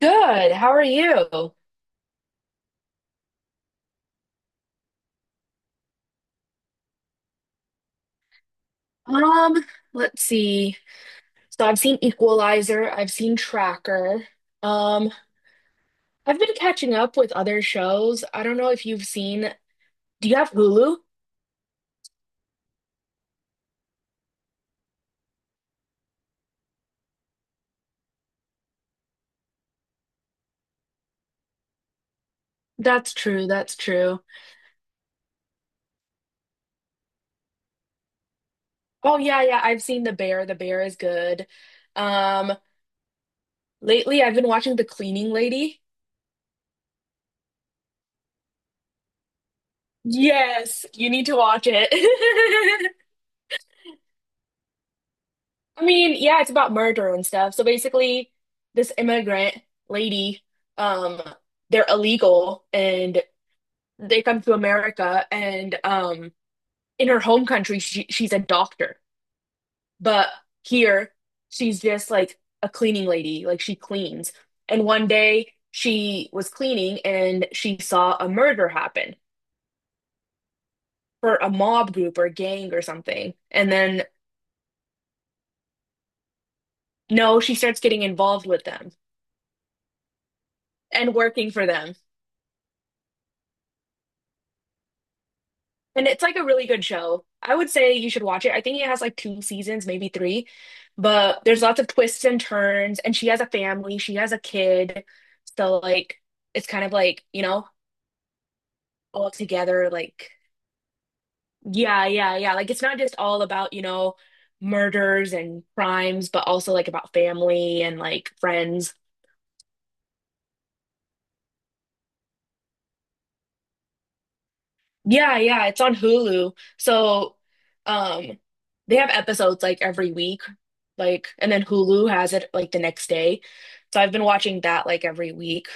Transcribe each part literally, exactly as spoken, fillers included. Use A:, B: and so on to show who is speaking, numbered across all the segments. A: Good. How are you? Um, let's see. So I've seen Equalizer, I've seen Tracker. Um, I've been catching up with other shows. I don't know if you've seen. Do you have Hulu? That's true, that's true. Oh yeah, yeah, I've seen The Bear. The Bear is good. Um, Lately I've been watching The Cleaning Lady. Yes, you need to watch it. I mean, yeah, it's about murder and stuff. So basically, this immigrant lady, um, they're illegal and they come to America and um in her home country she she's a doctor. But here she's just like a cleaning lady, like she cleans. And one day she was cleaning and she saw a murder happen for a mob group or gang or something. And then no, she starts getting involved with them and working for them. And it's like a really good show. I would say you should watch it. I think it has like two seasons, maybe three, but there's lots of twists and turns. And she has a family, she has a kid. So, like, it's kind of like, you know, all together. Like, yeah, yeah, yeah. Like, it's not just all about, you know, murders and crimes, but also like about family and like friends. Yeah, yeah, it's on Hulu. So, um, they have episodes like every week, like, and then Hulu has it like the next day. So I've been watching that like every week.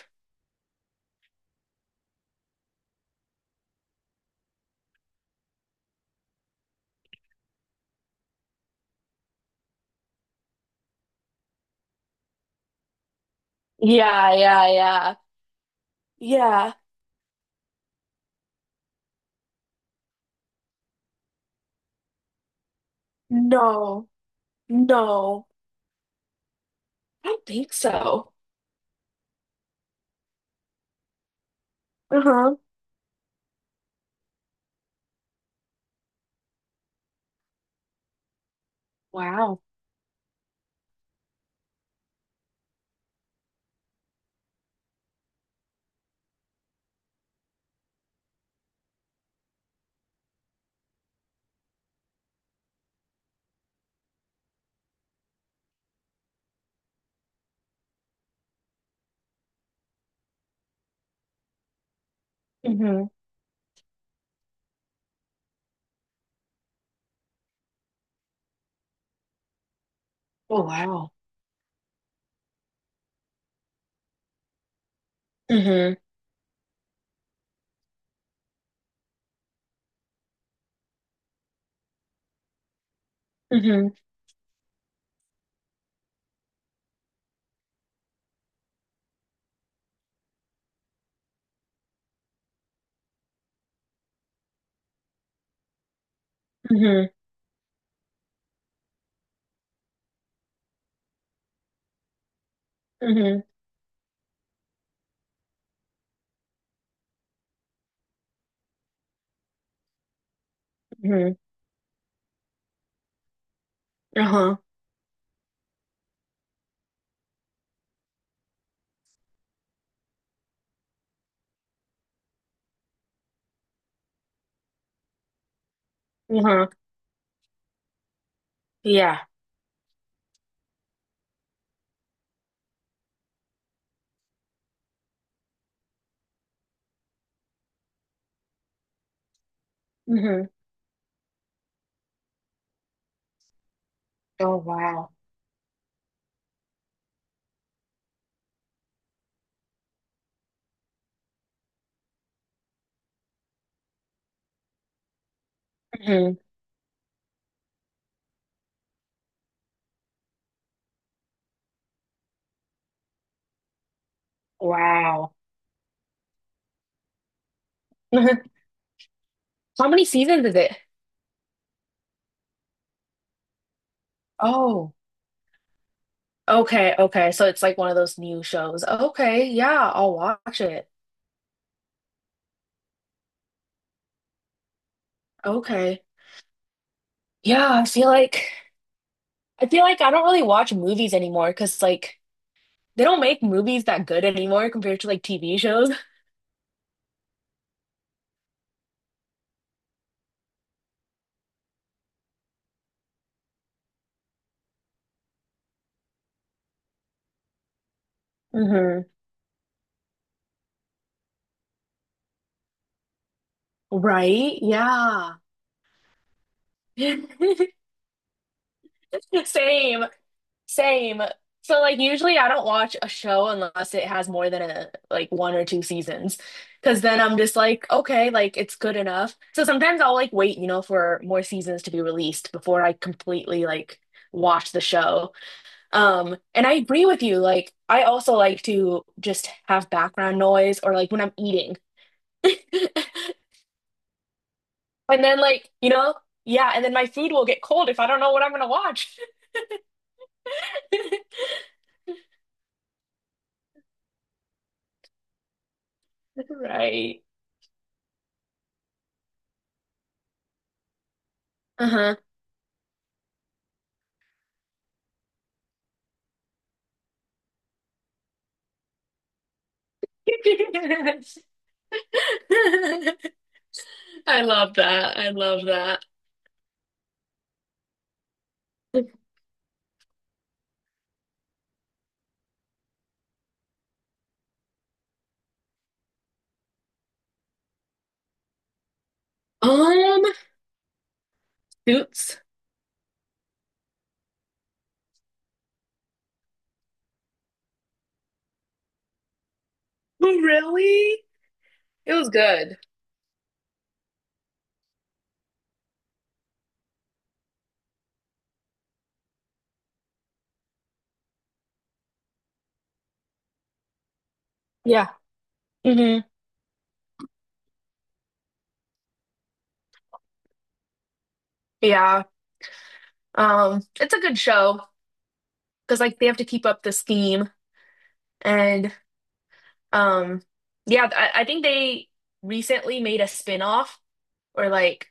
A: Yeah, yeah, yeah. Yeah. No, no, I don't think so. Uh-huh. Wow. Mm-hmm. Oh, wow. Mm-hmm. Mm-hmm. Mm-hmm. Mm-hmm. Mm-hmm. Uh-huh. Uh-huh. Yeah. Mm-hmm. Oh, wow. Mm-hmm. Wow. How many seasons is it? Oh, okay, okay. So it's like one of those new shows. Okay, yeah, I'll watch it. Okay. Yeah, I feel like I feel like I don't really watch movies anymore because like they don't make movies that good anymore compared to like T V shows. hmm Right? Yeah. Same. Same. So like usually I don't watch a show unless it has more than a like one or two seasons. Because then I'm just like, okay, like it's good enough. So sometimes I'll like wait, you know, for more seasons to be released before I completely like watch the show. Um, and I agree with you. Like I also like to just have background noise or like when I'm eating. And then like, you know, yeah, and then my food will get cold if I don't know what I'm gonna watch. Right. Uh-huh. I love that. I love that. Um, Suits. Really? It was good. Yeah. hmm Yeah. Um, it's a good show because like they have to keep up this theme and um yeah, I, I think they recently made a spin-off or like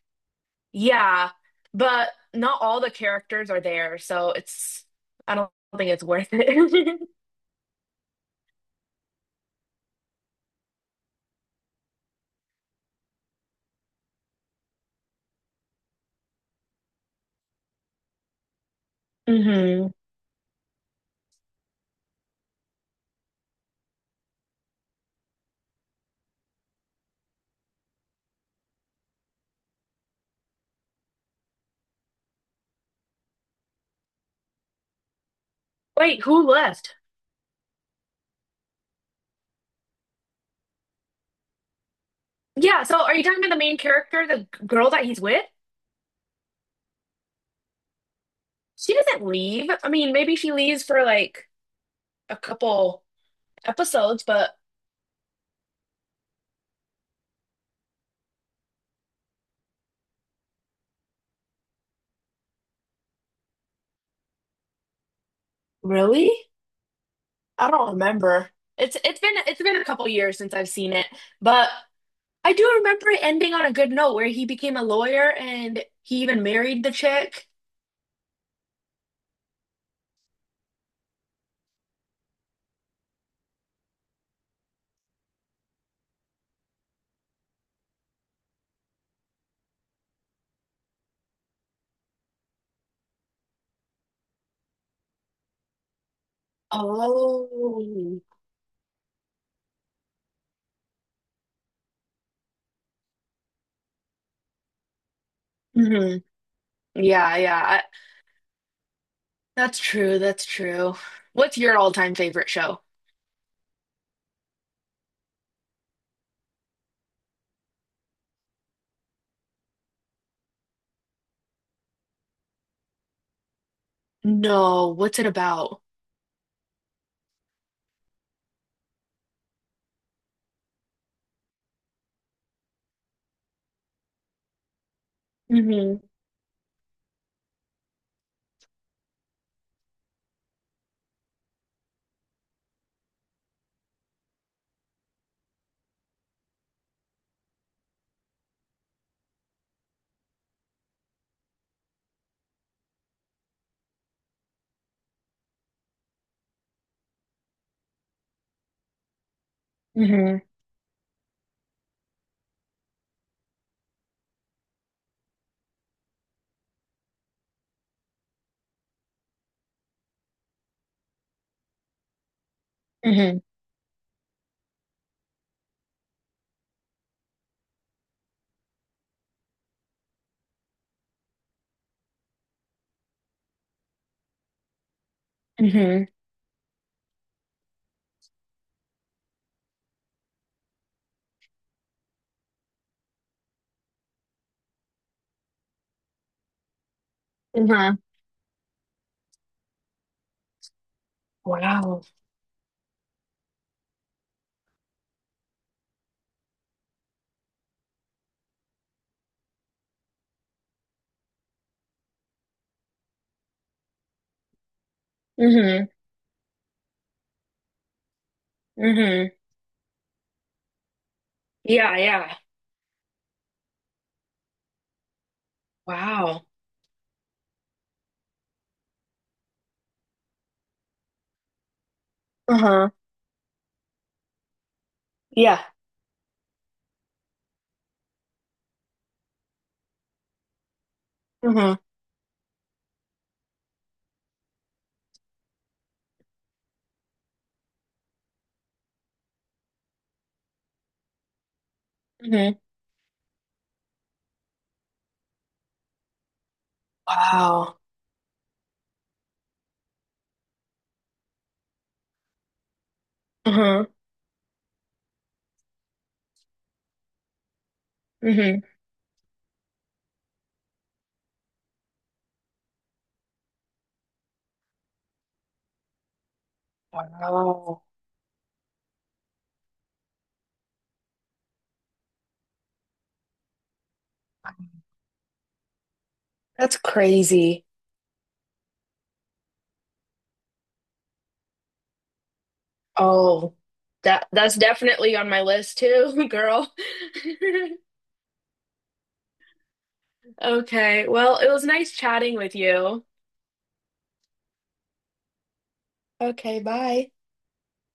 A: yeah, but not all the characters are there, so it's I don't think it's worth it. hmm Wait, who left? Yeah, so are you talking about the main character, the g- girl that he's with? She doesn't leave. I mean, maybe she leaves for like a couple episodes, but really? I don't remember. it's it's been it's been a couple years since I've seen it. But I do remember it ending on a good note where he became a lawyer and he even married the chick. Oh. hmm Yeah, yeah. I, that's true. That's true. What's your all-time favorite show? No, what's it about? Hmm hmm hmm Mhm. Mhm. Wow. Mhm. Mhm. Yeah, yeah. Wow. Uh-huh. Yeah. Mhm. Mhm. Wow. Uh-huh. Mhm. Wow. That's crazy. Oh, that that's definitely on my list too, girl. Okay. Well, it was nice chatting with you. Okay, bye.